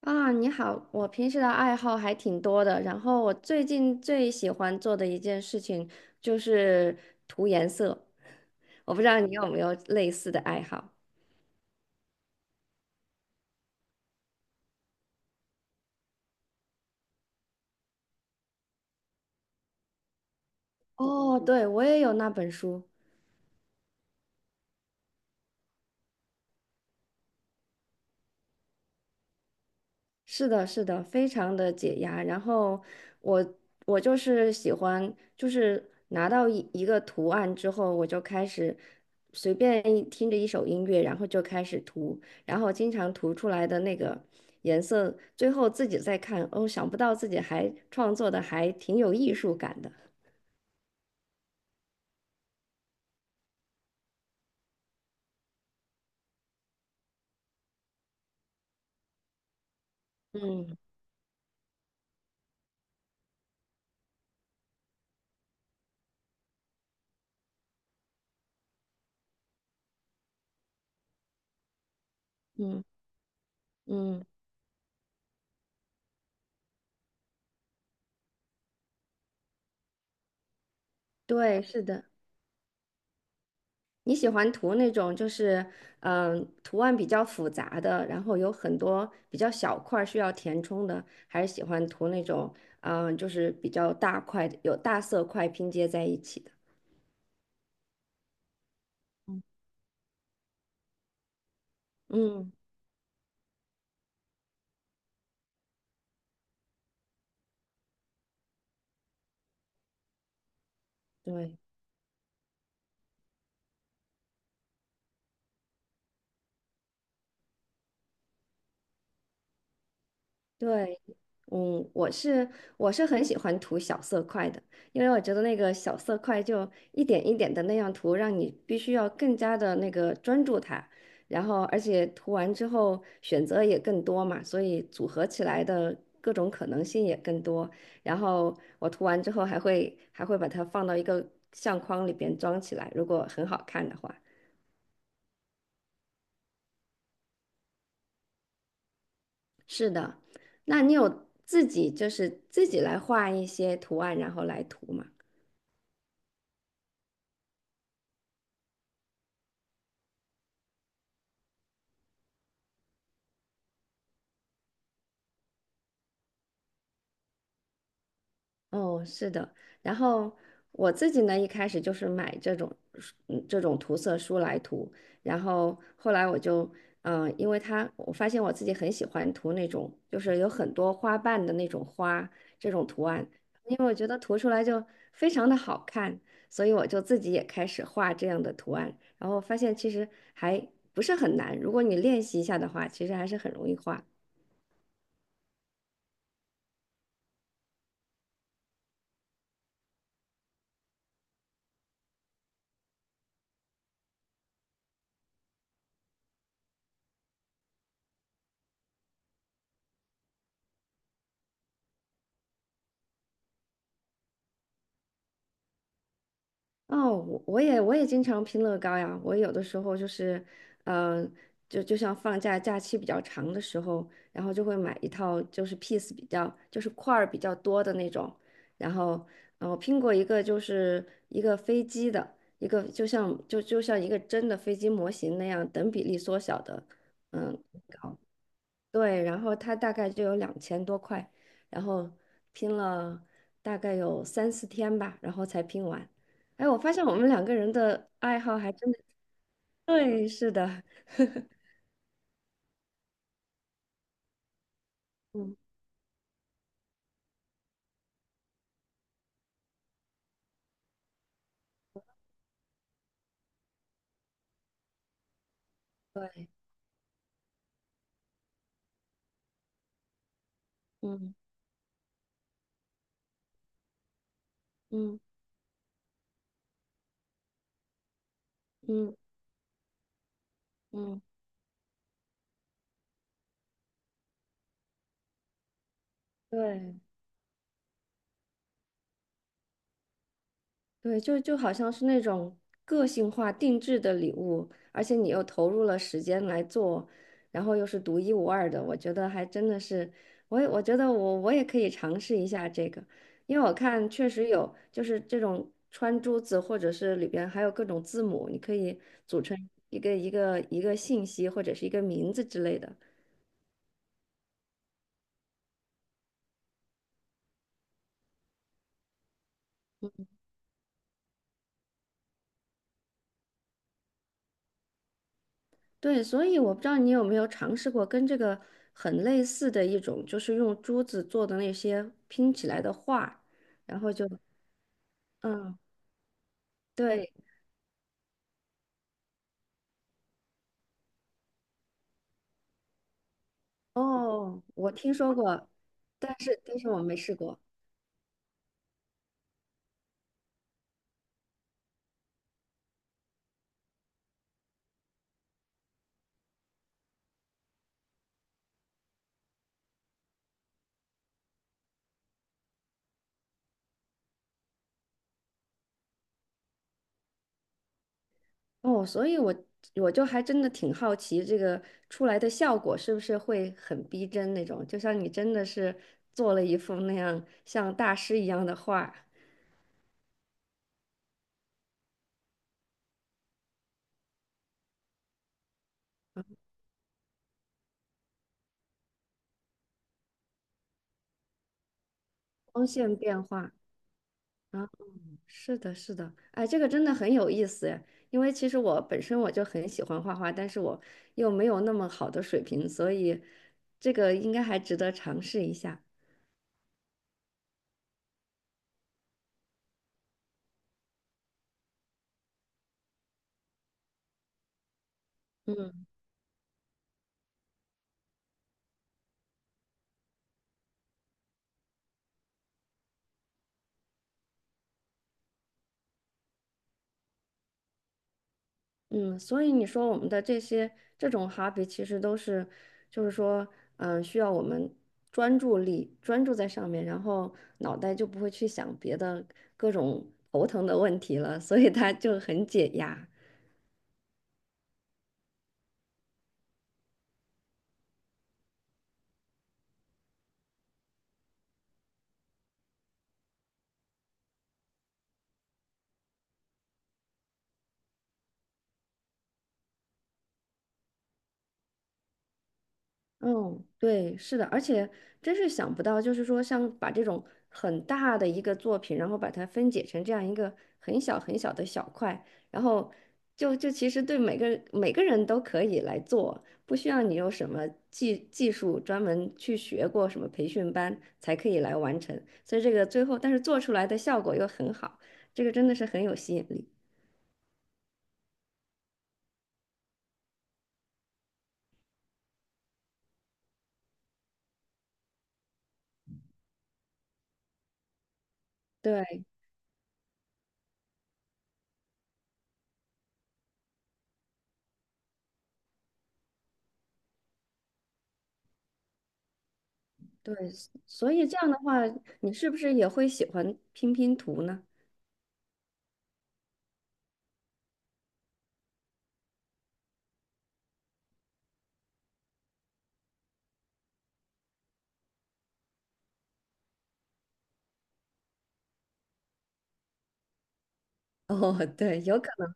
啊，你好，我平时的爱好还挺多的，然后我最近最喜欢做的一件事情就是涂颜色，我不知道你有没有类似的爱好。哦，对，我也有那本书。是的，是的，非常的解压。然后我我就是喜欢，就是拿到一个图案之后，我就开始随便一听着一首音乐，然后就开始涂，然后经常涂出来的那个颜色，最后自己再看，哦，想不到自己还创作的还挺有艺术感的。嗯嗯嗯，对，是的。你喜欢涂那种就是图案比较复杂的，然后有很多比较小块儿需要填充的，还是喜欢涂那种就是比较大块的，有大色块拼接在一起的？嗯，对。对，嗯，我是我是很喜欢涂小色块的，因为我觉得那个小色块就一点一点的那样涂，让你必须要更加的那个专注它，然后而且涂完之后选择也更多嘛，所以组合起来的各种可能性也更多。然后我涂完之后还会把它放到一个相框里边装起来，如果很好看的话。是的，那你有自己就是自己来画一些图案，然后来涂吗？哦，是的。然后我自己呢，一开始就是买这种书这种涂色书来涂，然后后来我就因为它我发现我自己很喜欢涂那种就是有很多花瓣的那种花这种图案，因为我觉得涂出来就非常的好看，所以我就自己也开始画这样的图案，然后发现其实还不是很难，如果你练习一下的话，其实还是很容易画。哦，我也我也经常拼乐高呀。我有的时候就是，嗯、就像放假假期比较长的时候，然后就会买一套就是 piece 比较就是块儿比较多的那种。然后，我拼过一个就是一个飞机的一个就像一个真的飞机模型那样等比例缩小的，嗯。对，然后他大概就有2000多块，然后拼了大概有三四天吧，然后才拼完。哎，我发现我们两个人的爱好还真的，对，是的，嗯，对，嗯嗯嗯嗯，对。对，就好像是那种个性化定制的礼物，而且你又投入了时间来做，然后又是独一无二的，我觉得还真的是，我觉得我也可以尝试一下这个，因为我看确实有就是这种穿珠子，或者是里边还有各种字母，你可以组成一个信息或者是一个名字之类的。对，所以我不知道你有没有尝试过跟这个很类似的一种，就是用珠子做的那些拼起来的画，然后就，嗯，对，哦，我听说过，但是我没试过，哦，所以我就还真的挺好奇这个出来的效果是不是会很逼真那种，就像你真的是做了一幅那样像大师一样的画，光线变化。啊。是的，是的，哎，这个真的很有意思哎，因为其实我本身我就很喜欢画画，但是我又没有那么好的水平，所以这个应该还值得尝试一下。嗯嗯，所以你说我们的这种 hobby 其实都是，就是说，需要我们专注在上面，然后脑袋就不会去想别的各种头疼的问题了，所以它就很解压。嗯，对，是的，而且真是想不到，就是说，像把这种很大的一个作品，然后把它分解成这样一个很小很小的小块，然后就其实对每个人都可以来做，不需要你有什么技术专门去学过什么培训班才可以来完成，所以这个最后，但是做出来的效果又很好，这个真的是很有吸引力。对对，所以这样的话，不是也会喜欢拼拼图呢？哦，对，有可能，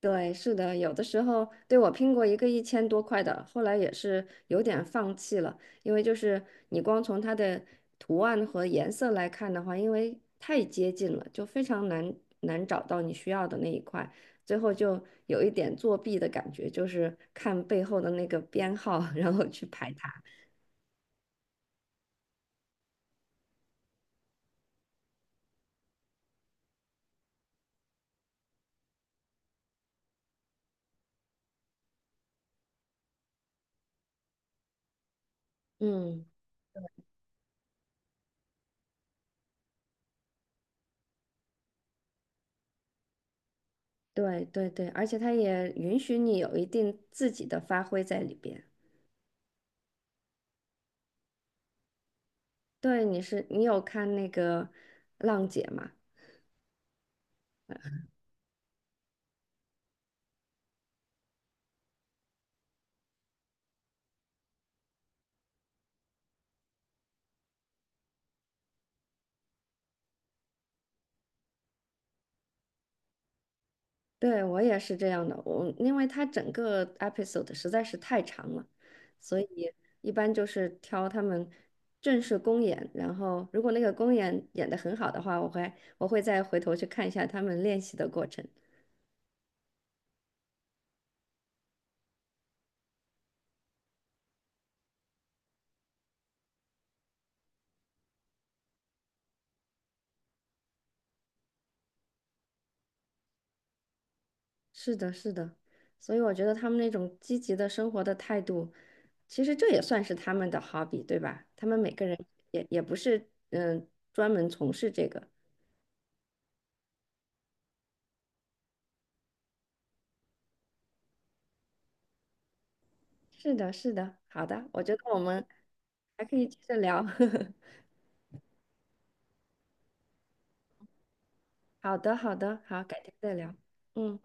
对，是的，有的时候，对，我拼过一个1000多块的，后来也是有点放弃了，因为就是你光从它的图案和颜色来看的话，因为太接近了，就非常难找到你需要的那一块，最后就有一点作弊的感觉，就是看背后的那个编号，然后去排它。嗯，对对对，而且它也允许你有一定自己的发挥在里边。对，你有看那个浪姐吗？对，我也是这样的，我因为它整个 episode 实在是太长了，所以一般就是挑他们正式公演，然后如果那个公演演的很好的话，我会再回头去看一下他们练习的过程。是的，是的，所以我觉得他们那种积极的生活的态度，其实这也算是他们的 hobby，对吧？他们每个人也不是专门从事这个。是的，是的，好的，我觉得我们还可以接着聊。好的，好的，好，改天再聊。嗯。